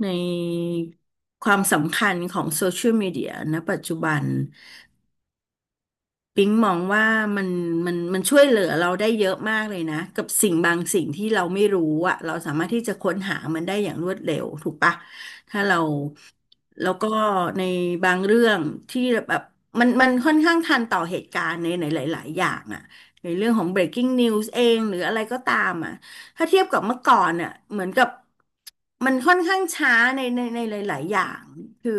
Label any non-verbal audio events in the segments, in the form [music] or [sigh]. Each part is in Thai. ในความสำคัญของโซเชียลมีเดียณปัจจุบัน ปิ๊งมองว่ามันมันช่วยเหลือเราได้เยอะมากเลยนะกับสิ่งบางสิ่งที่เราไม่รู้อ่ะเราสามารถที่จะค้นหามันได้อย่างรวดเร็วถูกปะถ้าเราแล้วก็ในบางเรื่องที่แบบมันค่อนข้างทันต่อเหตุการณ์ในหลายๆอย่างอ่ะในเรื่องของ breaking news เองหรืออะไรก็ตามอ่ะถ้าเทียบกับเมื่อก่อนอ่ะเหมือนกับมันค่อนข้างช้าในหลายๆอย่าง คือ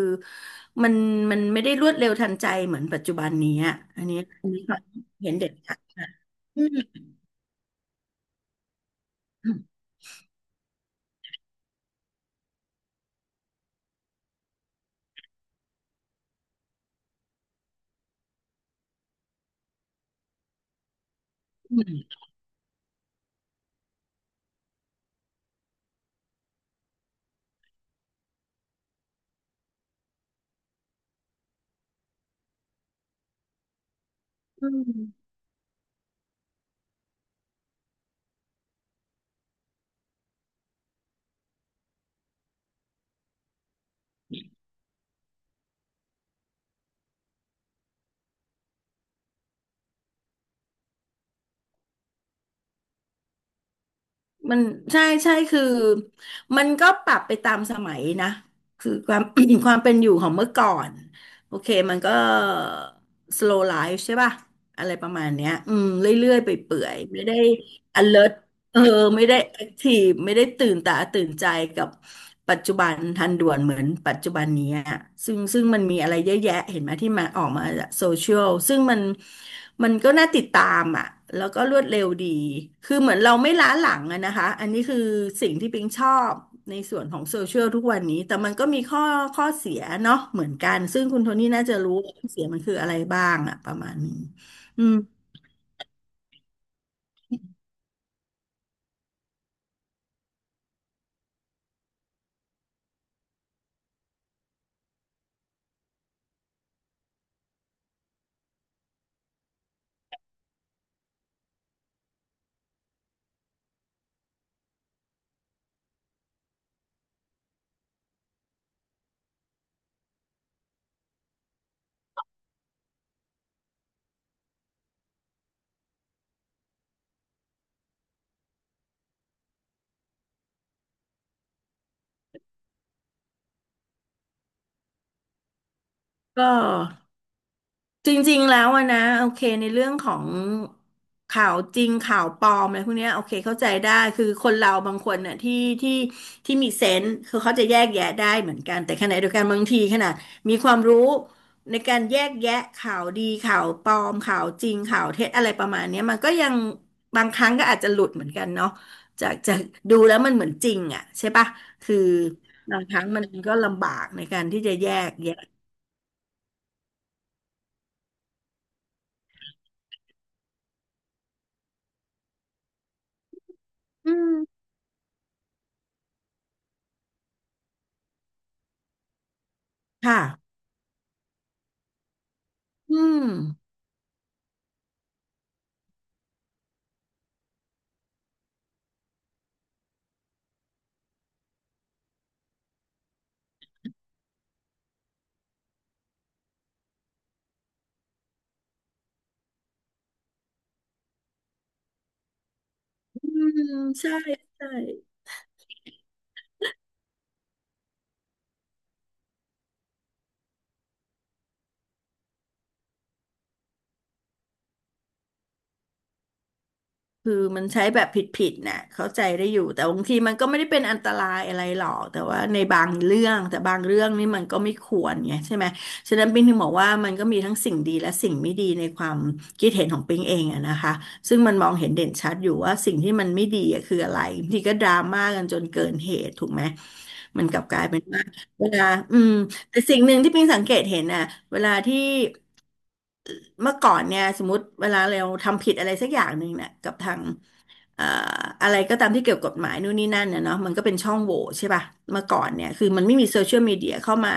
มันมันไม่ได้รวดเร็วทันใจเหมือนปัจจุบันนี้อะอันนี้อันนี้ความเห็นเด็ดขาดนะอืมมันใช่ใช่คือมันก็ปรับไปตามสมัยนะคือความ [coughs] [clears throat] ความเป็นอยู่ของเมื่อก่อนโอเคมันก็ slow life ใช่ป่ะอะไรประมาณเนี้ยอืมเรื่อยๆไปเปื่อยๆไม่ได้ alert เออไม่ได้แอคทีฟไม่ได้ตื่นตาตื่นใจกับปัจจุบันทันด่วนเหมือนปัจจุบันนี้อะซึ่งมันมีอะไรเยอะแยะเห็นไหมที่มาออกมาจากโซเชียลซึ่งมันมันก็น่าติดตามอ่ะแล้วก็รวดเร็วดีคือเหมือนเราไม่ล้าหลังอะนะคะอันนี้คือสิ่งที่ปิงชอบในส่วนของโซเชียลทุกวันนี้แต่มันก็มีข้อเสียเนาะเหมือนกันซึ่งคุณโทนี่น่าจะรู้ว่าข้อเสียมันคืออะไรบ้างอะประมาณนี้อืมก็ จริงๆแล้วอะนะโอเคในเรื่องของข่าวจริงข่าวปลอมอะไรพวกเนี้ยโอเคเข้าใจได้คือคนเราบางคนน่ะที่ที่มีเซนส์คือเขาจะแยกแยะได้เหมือนกันแต่ขณะเดียวกันบางทีขนาดมีความรู้ในการแยกแยะข่าวดีข่าวปลอมข่าวจริงข่าวเท็จอะไรประมาณเนี้ยมันก็ยังบางครั้งก็อาจจะหลุดเหมือนกันเนาะจากดูแล้วมันเหมือนจริงอ่ะใช่ปะคือบางครั้งมันก็ลำบากในการที่จะแยกแยะอืมค่ะอืม อืมใช่ใช่คือมันใช้แบบผิดๆน่ะเข้าใจได้อยู่แต่บางทีมันก็ไม่ได้เป็นอันตรายอะไรหรอกแต่ว่าในบางเรื่องแต่บางเรื่องนี่มันก็ไม่ควรไงใช่ไหมฉะนั้นปิงถึงบอกว่ามันก็มีทั้งสิ่งดีและสิ่งไม่ดีในความคิดเห็นของปิงเองอะนะคะซึ่งมันมองเห็นเด่นชัดอยู่ว่าสิ่งที่มันไม่ดีอะคืออะไรบางทีก็ดราม่ากันจนเกินเหตุถูกไหมมันกลับกลายเป็นว่าเวลาอืมแต่สิ่งหนึ่งที่ปิงสังเกตเห็นน่ะเวลาที่ เมื่อก่อนเนี่ยสมมติเวลาเราทำผิดอะไรสักอย่างหนึ่งเนี่ยกับทางเอ่ออะไรก็ตามที่เกี่ยวกับกฎหมายนู่นนี่นั่นเนี่ยเนาะมันก็เป็นช่องโหว่ใช่ป่ะเมื่อก่อนเนี่ยคือมันไม่มีโซเชียลมีเดียเข้ามา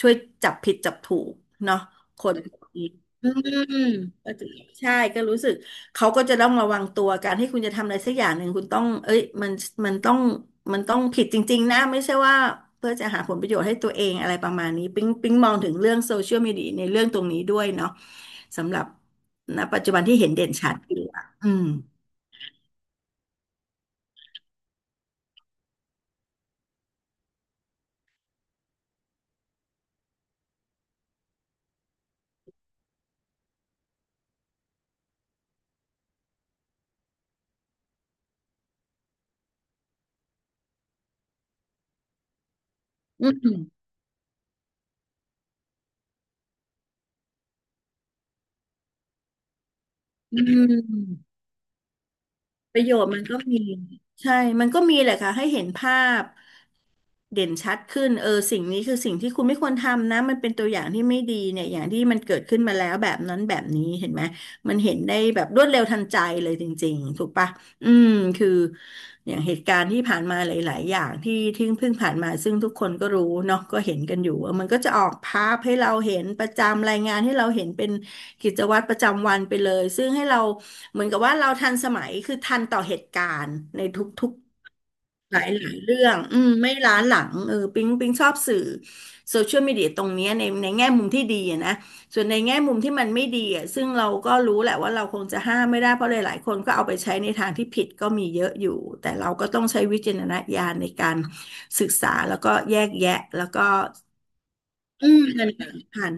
ช่วยจับผิดจับถูกเนาะคนพวกนี้อืมก็จะใช่ก็รู้สึกเขาก็จะต้องระวังตัวการที่คุณจะทำอะไรสักอย่างหนึ่งคุณต้องเอ้ยมันมันต้องมันต้องผิดจริงๆนะไม่ใช่ว่าเพื่อจะหาผลประโยชน์ให้ตัวเองอะไรประมาณนี้ปิ๊งมองถึงเรื่องโซเชียลมีเดียในเรื่องตรงนี้ด้วยเนาะ สำหรับณปัจจุบันที่เห็นเด่นชัดอยู่อ่ะอืมอืมประโยชน์มันก็มีใช่ มันก็มีแหละค่ะให้เห็นภาพเด่นชัดขึ้นเออสิ่งนี้คือสิ่งที่คุณไม่ควรทำนะมันเป็นตัวอย่างที่ไม่ดีเนี่ยอย่างที่มันเกิดขึ้นมาแล้วแบบนั้นแบบนี้เห็นไหมมันเห็นได้แบบรวดเร็วทันใจเลยจริงๆถูกปะ อืมคืออย่างเหตุการณ์ที่ผ่านมาหลายๆอย่างที่เพิ่งผ่านมาซึ่งทุกคนก็รู้เนาะก็เห็นกันอยู่ว่ามันก็จะออกภาพให้เราเห็นประจำรายงานให้เราเห็นเป็นกิจวัตรประจำวันไปเลยซึ่งให้เราเหมือนกับว่าเราทันสมัยคือทันต่อเหตุการณ์ในทุกๆ หลายเรื่องอืมไม่ล้าหลังเออปิ๊งชอบสื่อโซเชียลมีเดียตรงเนี้ยในแง่มุมที่ดีอะนะ ส่วนในแง่มุมที่มันไม่ดีอ่ะซึ่งเราก็รู้แหละว่าเราคงจะห้ามไม่ได้เพราะหลายๆคนก็เอาไปใช้ในทางที่ผิดก็มีเยอะอยู่ แต่เราก็ต้องใช้วิจารณญาณในการศึกษาแล้วก็แยกแยะแล้วก็อืมเงินผ่าน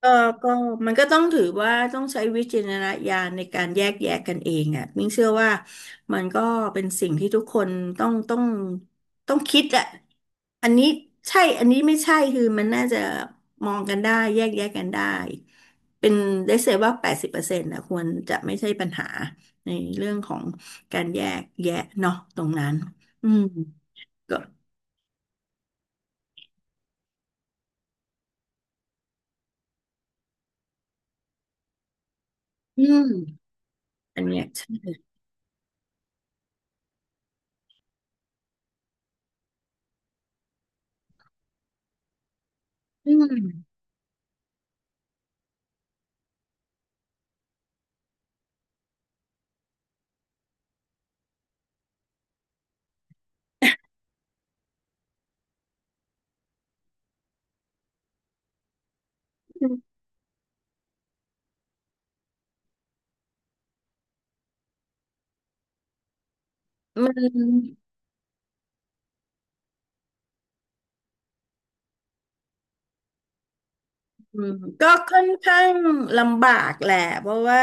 เออก็มันก็ต้องถือว่าต้องใช้วิจารณญาณในการแยกแยะกกันเองอ่ะมิ้งเชื่อว่ามันก็เป็นสิ่งที่ทุกคนต้องต้องต้องคิดอ่ะอันนี้ใช่อันนี้ไม่ใช่คือมันน่าจะมองกันได้แยกแยะกันได้เป็นได้เสียว่า80%นะควรจะไม่ใช่ปัญหาในเรื่องของการแยกแยะเนาะตรงนั้นอืมก็อืมอันเนี้ยใช่อืมมัน อืมก็ค่อนข้างลำบากแหละเพราะว่า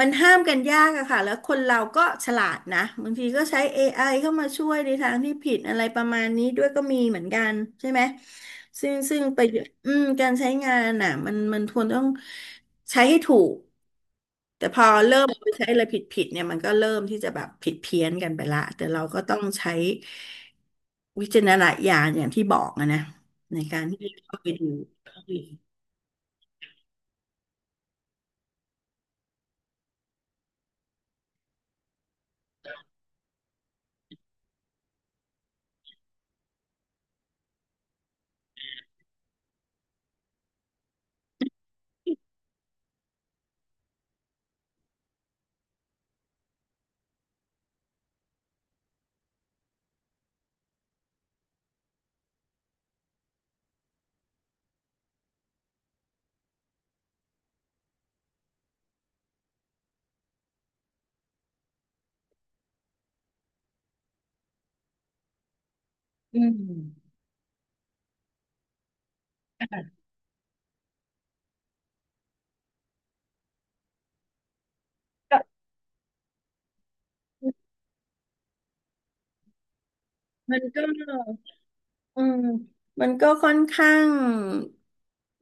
มันห้ามกันยากอะค่ะแล้วคนเราก็ฉลาดนะบางทีก็ใช้ AI เข้ามาช่วยในทางที่ผิดอะไรประมาณนี้ด้วยก็มีเหมือนกันใช่ไหมซึ่งไปอืมการใช้งานน่ะมันควรต้องใช้ให้ถูกแต่พอเริ่มเอาไปใช้อะไรผิดเนี่ยมันก็เริ่มที่จะแบบผิดเพี้ยนกันไปละแต่เราก็ต้องใช้วิจารณญาณอย่างที่บอกอะนะในการที่เข้าไปดู อืมอ่ะก็ก็ อืมมันก็ค่อนข้าง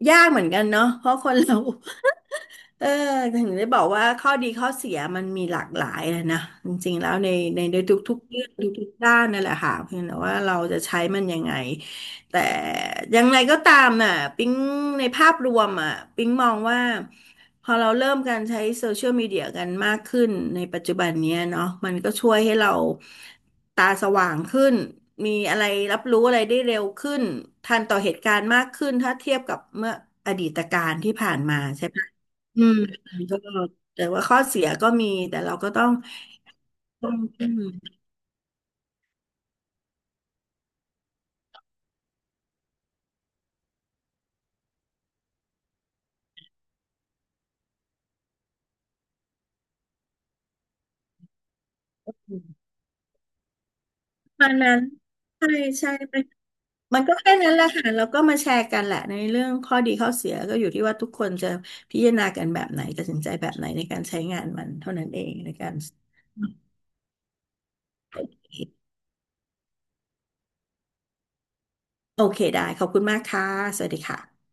ยากเหมือนกันเนาะเพราะคนเรา [laughs] เออถึงได้บอกว่าข้อดีข้อเสียมันมีหลากหลายนะนะจริงๆแล้วในทุกๆเรื่องทุกๆด้านนั่นแหละค่ะเพียงแต่ว่าเราจะใช้มันยังไงแต่ยังไงก็ตามน่ะปิ๊งในภาพรวมอ่ะปิ๊งมองว่า พอเราเริ่มการใช้โซเชียลมีเดียกันมากขึ้นในปัจจุบันเนี้ยเนาะมันก็ช่วยให้เราตาสว่างขึ้นมีอะไรรับรู้อะไรได้เร็วขึ้นทันต่อเหตุการณ์มากขึ้นถ้าเทียบกับเมื่ออดีตการที่ผ่านมาใช่ไหมอืมมันก็แต่ว่าข้อเสียก็มีแต่เราก็ต้องอืมตอนนั้นใช่ใช่ มันก็แค่นั้นแหละค่ะแล้วก็มาแชร์กันแหละในเรื่องข้อดีข้อเสียก็อยู่ที่ว่าทุกคนจะพิจารณากันแบบไหนตัดสินใจแบบไหนในการใช้งานมันเท่านั้นเองในการโอเคได้ขอบคุณมากค่ะสวัสดีค่ะ